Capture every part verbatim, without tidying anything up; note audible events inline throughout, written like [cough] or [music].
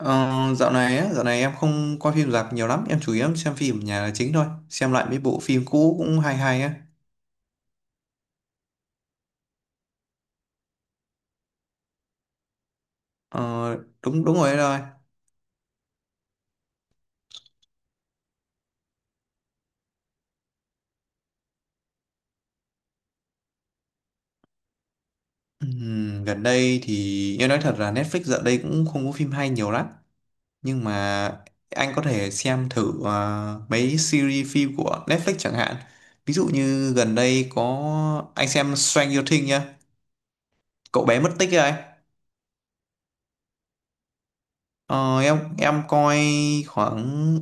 Ờ, dạo này á, dạo này em không coi phim rạp nhiều lắm, em chủ yếu em xem phim ở nhà là chính thôi, xem lại mấy bộ phim cũ cũng hay hay á. Ờ, đúng đúng rồi đấy rồi. Ừm, gần đây thì em nói thật là Netflix dạo đây cũng không có phim hay nhiều lắm, nhưng mà anh có thể xem thử ờ, mấy series phim của Netflix chẳng hạn. Ví dụ như gần đây có anh xem Stranger Things nhá, cậu bé mất tích ấy. Ờ, em em coi khoảng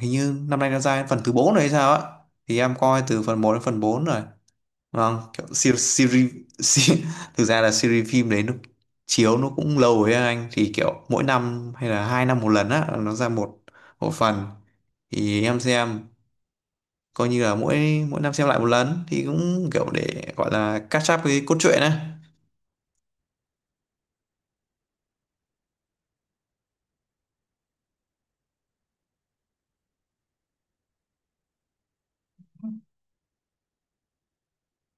hình như năm nay nó ra đến phần thứ bốn rồi hay sao á, thì em coi từ phần một đến phần bốn rồi. Vâng, kiểu series, series, [laughs] series thực ra là series phim đấy, nó chiếu nó cũng lâu rồi á anh, thì kiểu mỗi năm hay là hai năm một lần á nó ra một một phần, thì em xem coi như là mỗi mỗi năm xem lại một lần thì cũng kiểu để gọi là catch up cái cốt truyện á.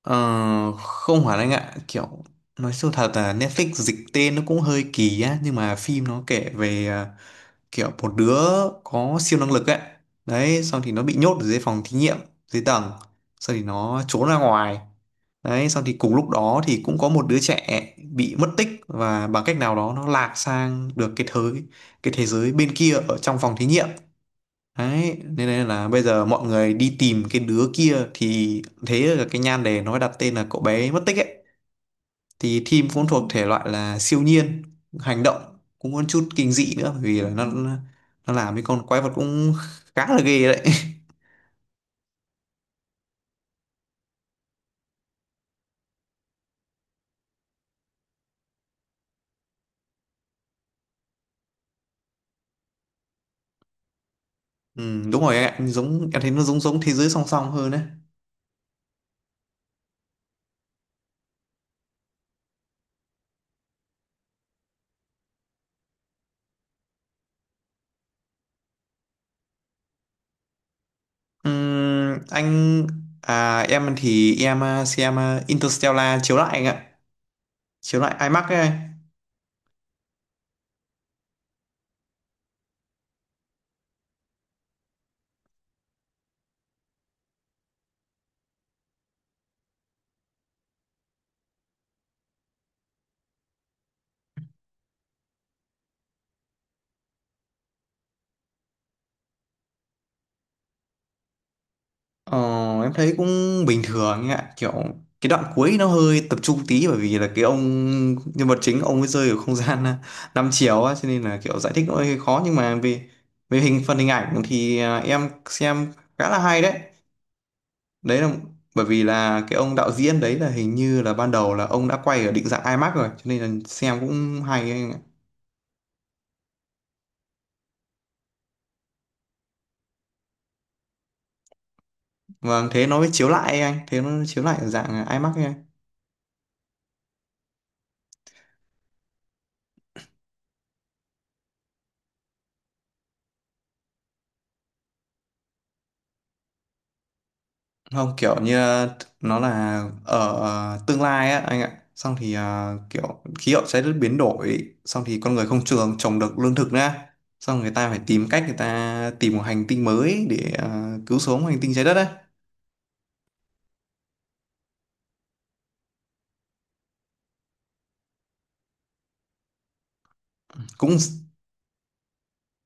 Ờ, không hẳn anh ạ, kiểu nói sâu thật là Netflix dịch tên nó cũng hơi kỳ á, nhưng mà phim nó kể về à, kiểu một đứa có siêu năng lực ấy. Đấy, xong thì nó bị nhốt ở dưới phòng thí nghiệm, dưới tầng, xong thì nó trốn ra ngoài. Đấy, xong thì cùng lúc đó thì cũng có một đứa trẻ bị mất tích và bằng cách nào đó nó lạc sang được cái thế cái thế giới bên kia ở trong phòng thí nghiệm. Đấy, nên nên là bây giờ mọi người đi tìm cái đứa kia thì thế là cái nhan đề nó mới đặt tên là cậu bé mất tích ấy. Thì Thim cũng thuộc thể loại là siêu nhiên, hành động cũng có chút kinh dị nữa, bởi vì là nó nó làm cái con quái vật cũng khá là ghê đấy. [laughs] Ừ, đúng rồi em ạ, giống em thấy nó giống giống thế giới song song hơn đấy. Ừm, anh à em thì em à, xem à, Interstellar chiếu lại anh ạ. Chiếu lại IMAX ấy. Ờ, em thấy cũng bình thường ấy ạ, kiểu cái đoạn cuối nó hơi tập trung tí, bởi vì là cái ông nhân vật chính ông ấy rơi ở không [laughs] gian ờ, năm chiều á, cho nên là kiểu giải thích nó hơi khó, nhưng mà về về hình phần hình ảnh thì à, em xem khá là hay đấy. Đấy là bởi vì là cái ông đạo diễn đấy là hình như là ban đầu là ông đã quay ở định dạng IMAX rồi, cho nên là xem cũng hay ấy anh ạ. Vâng, thế nó mới chiếu lại ấy anh, thế nó chiếu lại ở dạng ờ, IMAX ấy anh. Không, kiểu như ờ, nó là ở ờ, tương lai á anh ạ, xong thì ờ, kiểu khí hậu trái đất biến đổi, xong thì con người không trường trồng được lương thực nữa, xong người ta phải tìm cách, người ta tìm một hành tinh mới để ờ, cứu sống hành tinh trái đất á. Cũng,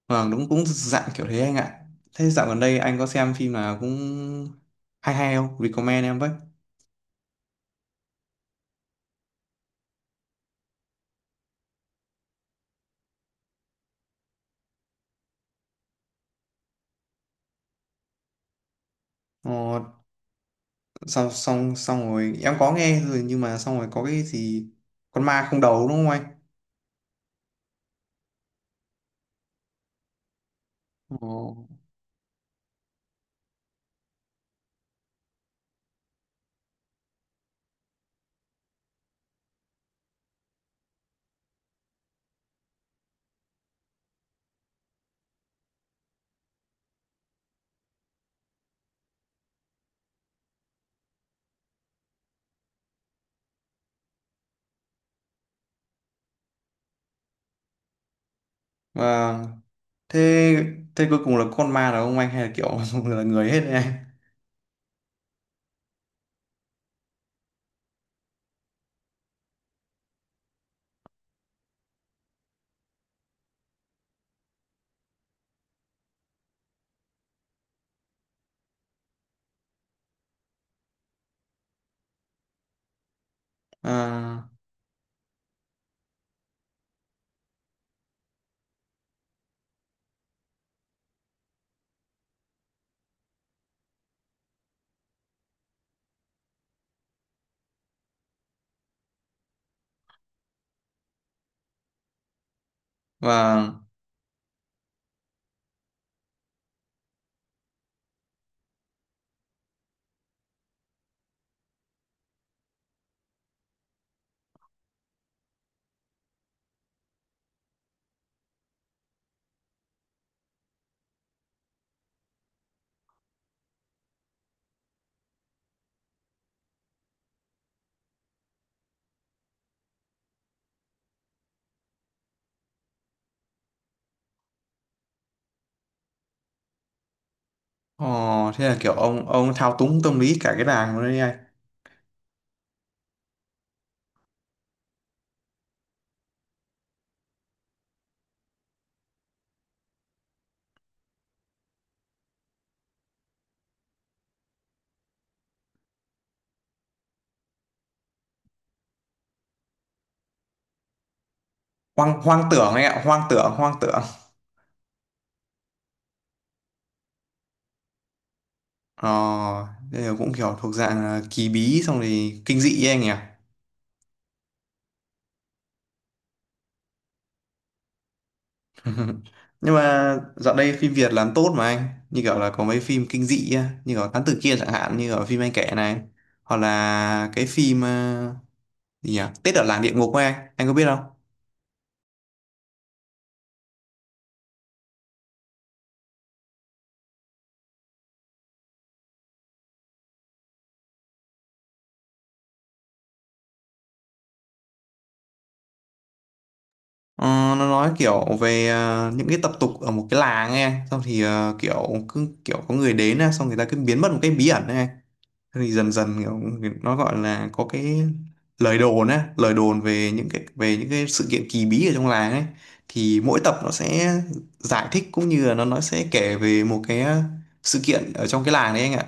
vâng đúng, cũng dạng kiểu thế anh ạ. Thế dạo gần đây anh có xem phim nào cũng hay hay không, recommend em với? Ờ, xong xong xong rồi em có nghe rồi, nhưng mà xong rồi có cái gì con ma không đầu đúng không anh? Ồ. Vâng, thế thế cuối cùng là con ma là ông anh hay là kiểu [laughs] là người hết đấy anh? À, và ồ, thế là kiểu ông ông thao túng tâm lý cả cái làng luôn đấy anh? Hoang hoang tưởng anh ạ. Hoang tưởng, hoang tưởng. ờ Thế là cũng kiểu thuộc dạng là kỳ bí xong thì kinh dị ấy anh nhỉ? [laughs] Nhưng mà dạo đây phim Việt làm tốt mà anh, như kiểu là có mấy phim kinh dị á như kiểu Thám Tử Kiên chẳng hạn như ở phim anh kể này, hoặc là cái phim ờ, gì nhỉ, Tết ở làng địa ngục ấy anh anh có biết không? Ờ, nó nói kiểu về ờ, những cái tập tục ở một cái làng ấy anh. Xong thì ờ, kiểu cứ kiểu có người đến á, xong người ta cứ biến mất một cái bí ẩn ấy anh. Xong thì dần dần kiểu nó gọi là có cái lời đồn á lời đồn về những cái về những cái sự kiện kỳ bí ở trong làng ấy, thì mỗi tập nó sẽ giải thích cũng như là nó nó sẽ kể về một cái ờ, sự kiện ở trong cái làng đấy anh ạ.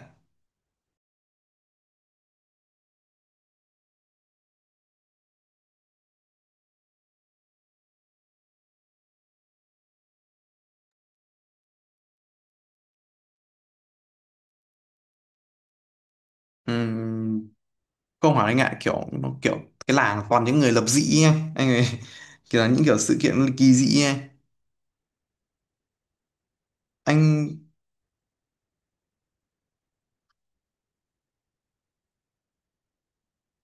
Ừm, không hỏi anh ạ, kiểu nó kiểu cái làng toàn những người lập dị ấy anh anh ấy [laughs] kiểu là những kiểu sự kiện kỳ dị ấy anh.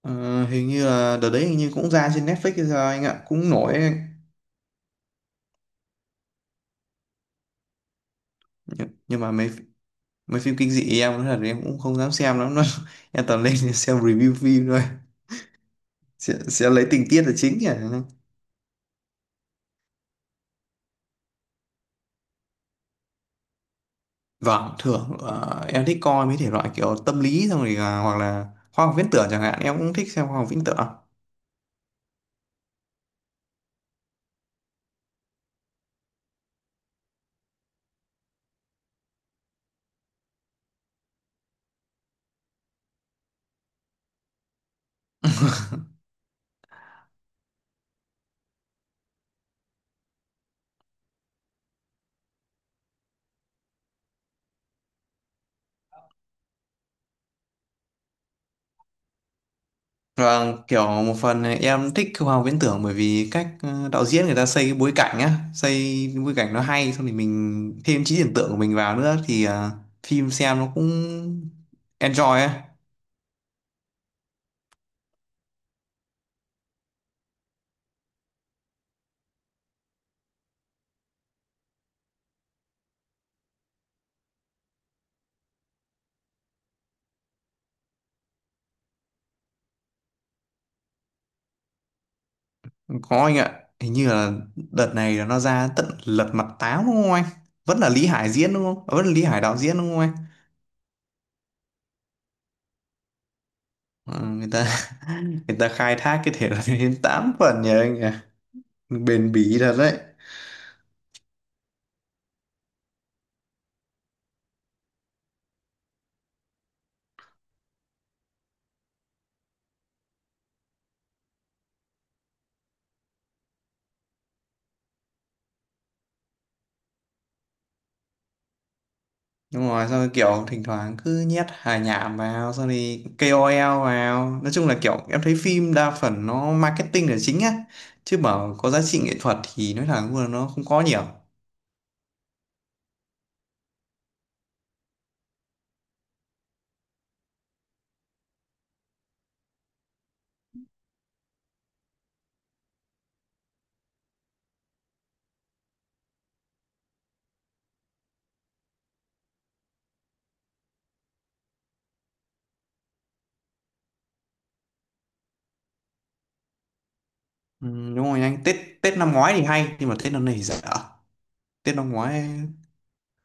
Ờ, hình như là đợt đấy hình như cũng ra trên Netflix hay sao anh ạ, cũng nổi ấy. nhưng, nhưng mà mấy mấy phim kinh dị em nói thật là em cũng không dám xem lắm đâu, [laughs] em toàn lên [laughs] xem review phim thôi, sẽ, sẽ lấy tình tiết là chính nhỉ. Vâng, thường ờ, em thích coi mấy thể loại kiểu tâm lý xong rồi là, hoặc là khoa học viễn tưởng chẳng hạn, em cũng thích xem khoa học viễn tưởng. Vâng, kiểu một phần em thích khoa học viễn tưởng bởi vì cách ờ, đạo diễn người ta xây cái bối cảnh á, xây cái bối cảnh nó hay, xong thì mình thêm trí tưởng tượng của mình vào nữa thì ờ, phim xem nó cũng enjoy á. Có anh ạ, hình như là đợt này là nó ra tận Lật Mặt Tám đúng không anh? Vẫn là Lý Hải diễn đúng không? À, vẫn là Lý Hải đạo diễn đúng không anh? Ờ, người ta [laughs] người ta khai thác cái thể loại [laughs] đến tám phần nhỉ anh nhỉ? Bền bỉ thật đấy. Đúng rồi, xong rồi kiểu thỉnh thoảng cứ nhét hài nhảm vào, xong thì ca o lờ vào. Nói chung là kiểu em thấy phim đa phần nó marketing là chính á. Chứ bảo có giá trị nghệ thuật thì nói thẳng luôn là nó không có nhiều. Ừ, đúng rồi anh, Tết Tết năm ngoái thì hay, nhưng mà Tết năm nay thì dở. Tết năm ngoái,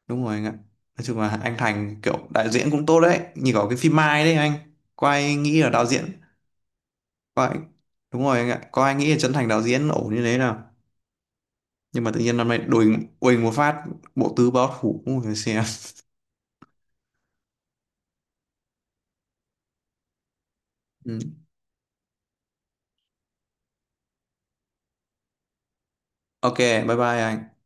đúng rồi anh ạ. Nói chung là anh Thành kiểu đạo diễn cũng tốt đấy. Như có cái phim Mai đấy anh. Có ai nghĩ là đạo diễn? Có ai. Đúng rồi anh ạ. Có ai nghĩ là Trấn Thành đạo diễn ổn như thế nào? Nhưng mà tự nhiên năm nay đùng quỳnh một phát, bộ tứ báo thủ cũng phải xem. Ừ. OK, bye bye anh.